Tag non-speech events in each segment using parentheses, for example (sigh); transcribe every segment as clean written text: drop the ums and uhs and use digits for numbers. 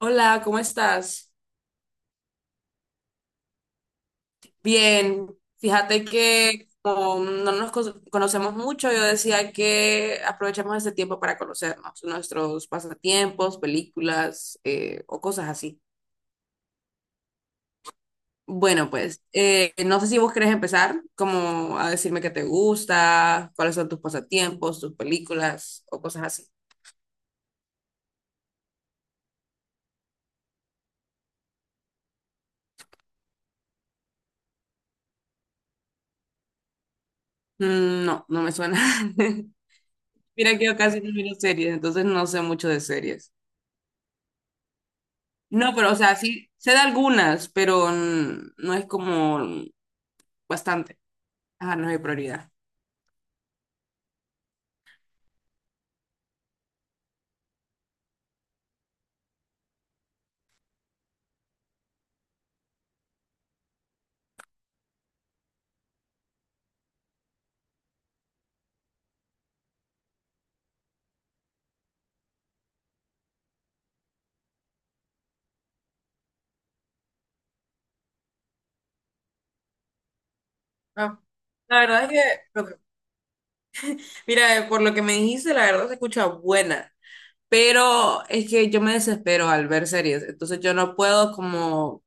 Hola, ¿cómo estás? Bien, fíjate que como no nos conocemos mucho, yo decía que aprovechemos este tiempo para conocernos, nuestros pasatiempos, películas o cosas así. Bueno, pues no sé si vos querés empezar como a decirme qué te gusta, cuáles son tus pasatiempos, tus películas o cosas así. Mm, no, no me suena. (laughs) Mira que yo casi no miro series, entonces no sé mucho de series. No, pero o sea, sí, sé de algunas, pero mm, no es como bastante. Ajá, no es mi prioridad. Ah, la verdad es que, lo que- mira, por lo que me dijiste, la verdad se escucha buena. Pero es que yo me desespero al ver series, entonces yo no puedo como,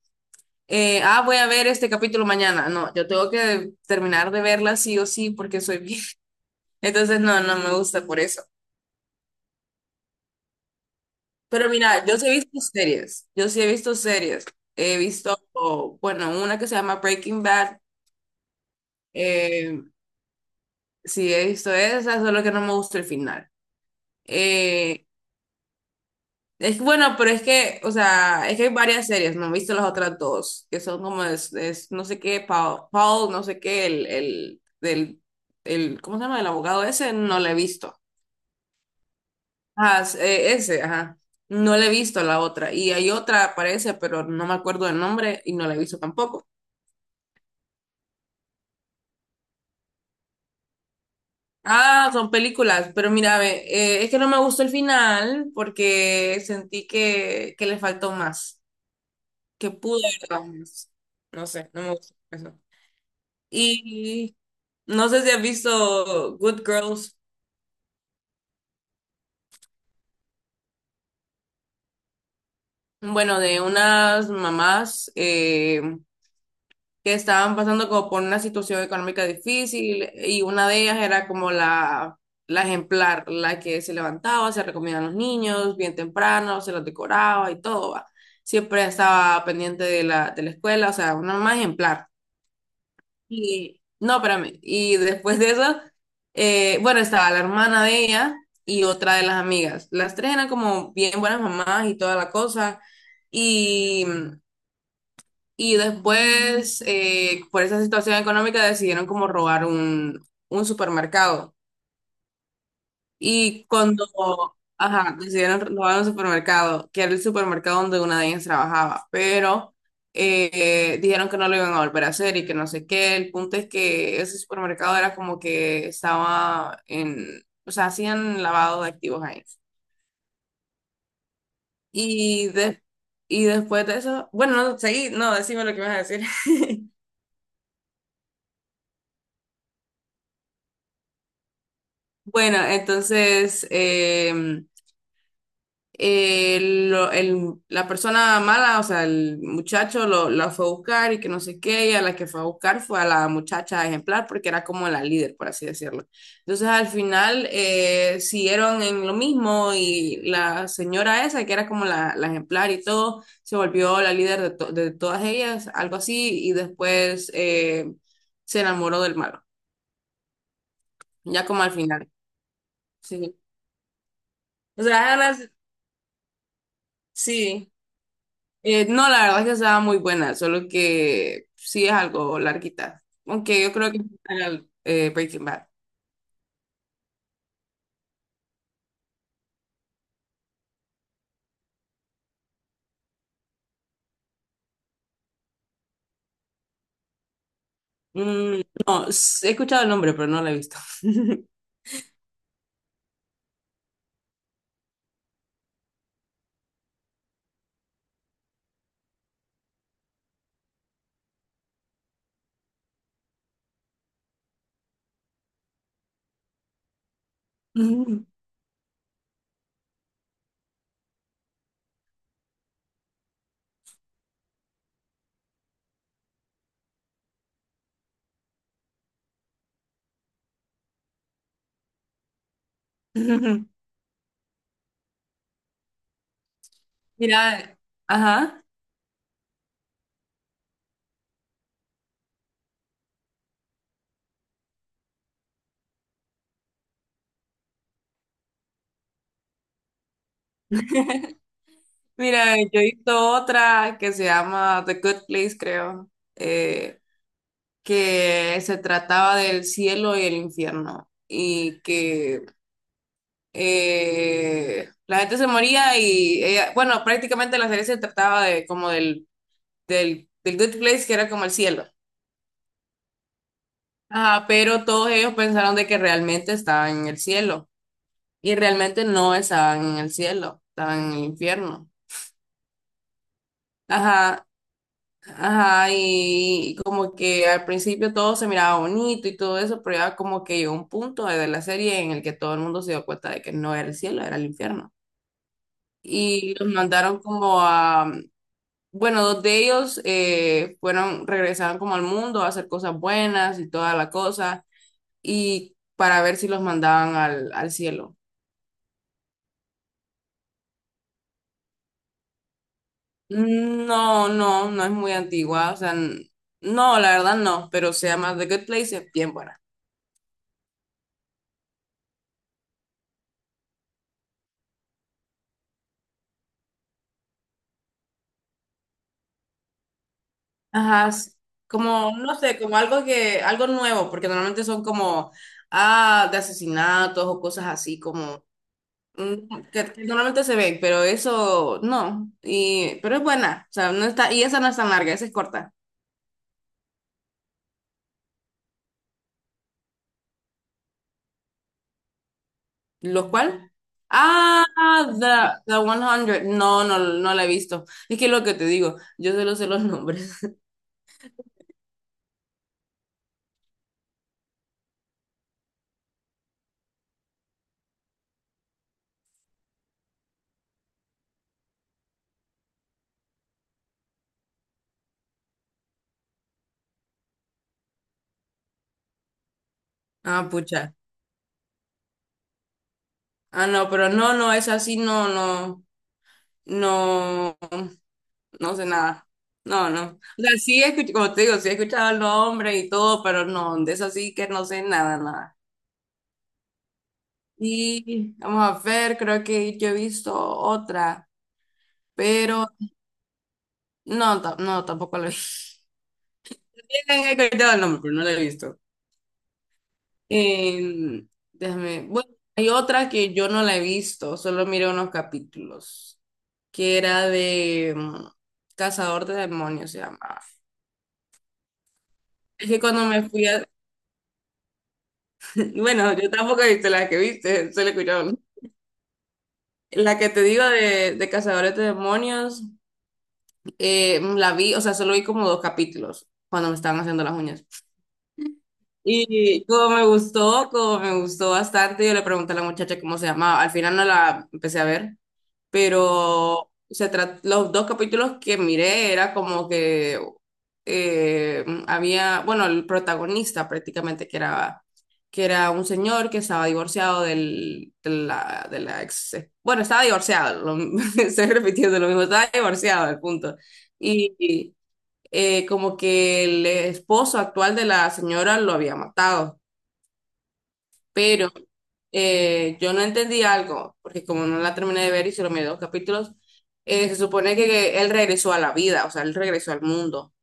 voy a ver este capítulo mañana. No, yo tengo que terminar de verla sí o sí porque soy bien. (laughs) Entonces no, no me gusta por eso. Pero mira, yo sí he visto series, yo sí he visto series. He visto, bueno, una que se llama Breaking Bad, eh, sí he visto esa, solo que no me gusta el final. Eh, es bueno, pero es que, o sea, es que hay varias series, no he visto las otras dos, que son como, es no sé qué, Paul, Paul, no sé qué, el, del, el, ¿cómo se llama? El abogado ese, no lo he visto. Ah, ese, ajá. No le he visto la otra. Y hay otra, parece, pero no me acuerdo del nombre y no la he visto tampoco. Ah, son películas, pero mira, ve, es que no me gustó el final porque sentí que le faltó más, que pudo haber dado más. No sé, no me gustó eso. Y no sé si has visto Good Girls, bueno, de unas mamás que estaban pasando como por una situación económica difícil y una de ellas era como la ejemplar, la que se levantaba, se recomendaba a los niños bien temprano, se los decoraba y todo, va. Siempre estaba pendiente de la escuela, o sea, una mamá ejemplar. Y, no, espérame, y después de eso, bueno, estaba la hermana de ella y otra de las amigas. Las tres eran como bien buenas mamás y toda la cosa. Y y después, por esa situación económica, decidieron como robar un supermercado. Y cuando, ajá, decidieron robar un supermercado, que era el supermercado donde una de ellas trabajaba, pero dijeron que no lo iban a volver a hacer y que no sé qué. El punto es que ese supermercado era como que estaba en, o sea, hacían lavado de activos ahí. Y, y después de eso, bueno, no, seguí, no, decime lo que me vas a decir. (laughs) Bueno, entonces em, la persona mala, o sea, el muchacho lo, la fue a buscar y que no sé qué, y a la que fue a buscar fue a la muchacha ejemplar porque era como la líder, por así decirlo. Entonces al final siguieron en lo mismo y la señora esa, que era como la ejemplar y todo, se volvió la líder de, de todas ellas, algo así, y después se enamoró del malo, ya como al final. Sí. O sea, ahora sí. No, la verdad es que estaba muy buena, solo que sí es algo larguita. Aunque yo creo que Breaking Bad. Mm, no, he escuchado el nombre, pero no lo he visto. (laughs) Mira, ajá. Mira, yo he visto otra que se llama The Good Place, creo, eh, que se trataba del cielo y el infierno. Y que la gente se moría y bueno, prácticamente la serie se trataba de como del del Good Place, que era como el cielo. Ajá, pero todos ellos pensaron de que realmente estaban en el cielo y realmente no estaban en el cielo, estaban en el infierno. Ajá, ajá, y como que al principio todo se miraba bonito y todo eso, pero ya como que llegó un punto de la serie en el que todo el mundo se dio cuenta de que no era el cielo, era el infierno. Y los mandaron como a, bueno, dos de ellos fueron, regresaron como al mundo a hacer cosas buenas y toda la cosa y para ver si los mandaban al, al cielo. Mm, no, no, no es muy antigua, o sea, no, la verdad no, pero se llama The Good Place, es bien buena. Ajá, es como, no sé, como algo que, algo nuevo, porque normalmente son como, ah, de asesinatos o cosas así, como, mm, que normalmente se ven, pero eso, no, y, pero es buena, o sea, no está, y esa no es tan larga, esa es corta. ¿Los cuál? Ah, The 100. No, no, no la he visto. Es que lo que te digo, yo solo sé los nombres. (laughs) Ah, pucha. Ah, no, pero no, no, es así, no, no, no, no sé nada. No, no. O sea, sí he escuchado, como te digo, sí he escuchado el nombre y todo, pero no, de eso sí que no sé nada, nada. Y vamos a ver, creo que yo he visto otra, pero no, no, tampoco la he visto. (laughs) He escuchado el nombre, pero no la he visto. Eh, déjame. Bueno, hay otra que yo no la he visto, solo miré unos capítulos, que era de mm, Cazador de Demonios, se llamaba. Es que cuando me fui a... (laughs) Bueno, yo tampoco he visto la que viste, solo escucharon. La que te digo de Cazadores de Demonios, la vi, o sea, solo vi como dos capítulos cuando me estaban haciendo las uñas. Y como me gustó bastante, yo le pregunté a la muchacha cómo se llamaba. Al final no la empecé a ver pero se sea, los dos capítulos que miré era como que había, bueno, el protagonista prácticamente que era un señor que estaba divorciado del, de la ex, bueno, estaba divorciado, (laughs) estoy repitiendo lo mismo, estaba divorciado, el punto. Y como que el esposo actual de la señora lo había matado, pero yo no entendí algo, porque como no la terminé de ver y solo miré dos capítulos, se supone que él regresó a la vida, o sea, él regresó al mundo.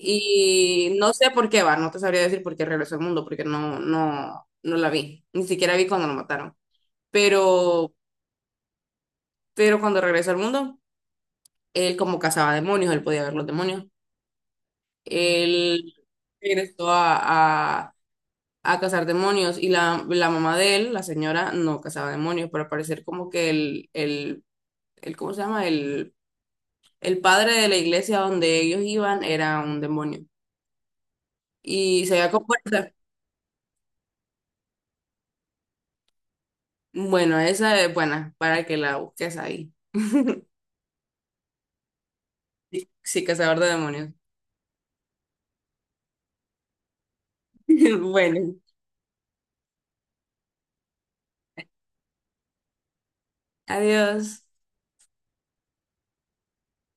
Y no sé por qué va, no te sabría decir por qué regresó al mundo, porque no, no, no la vi, ni siquiera vi cuando lo mataron. Pero, pero cuando regresó al mundo, él como cazaba demonios, él podía ver los demonios. Él regresó a, a cazar demonios y la mamá de él, la señora, no cazaba demonios, pero al parecer como que el, el ¿cómo se llama? El padre de la iglesia donde ellos iban era un demonio. Y se había comportado. Bueno, esa es buena para que la busques ahí. (laughs) Sí, sí, cazador de demonios. (laughs) Bueno, adiós.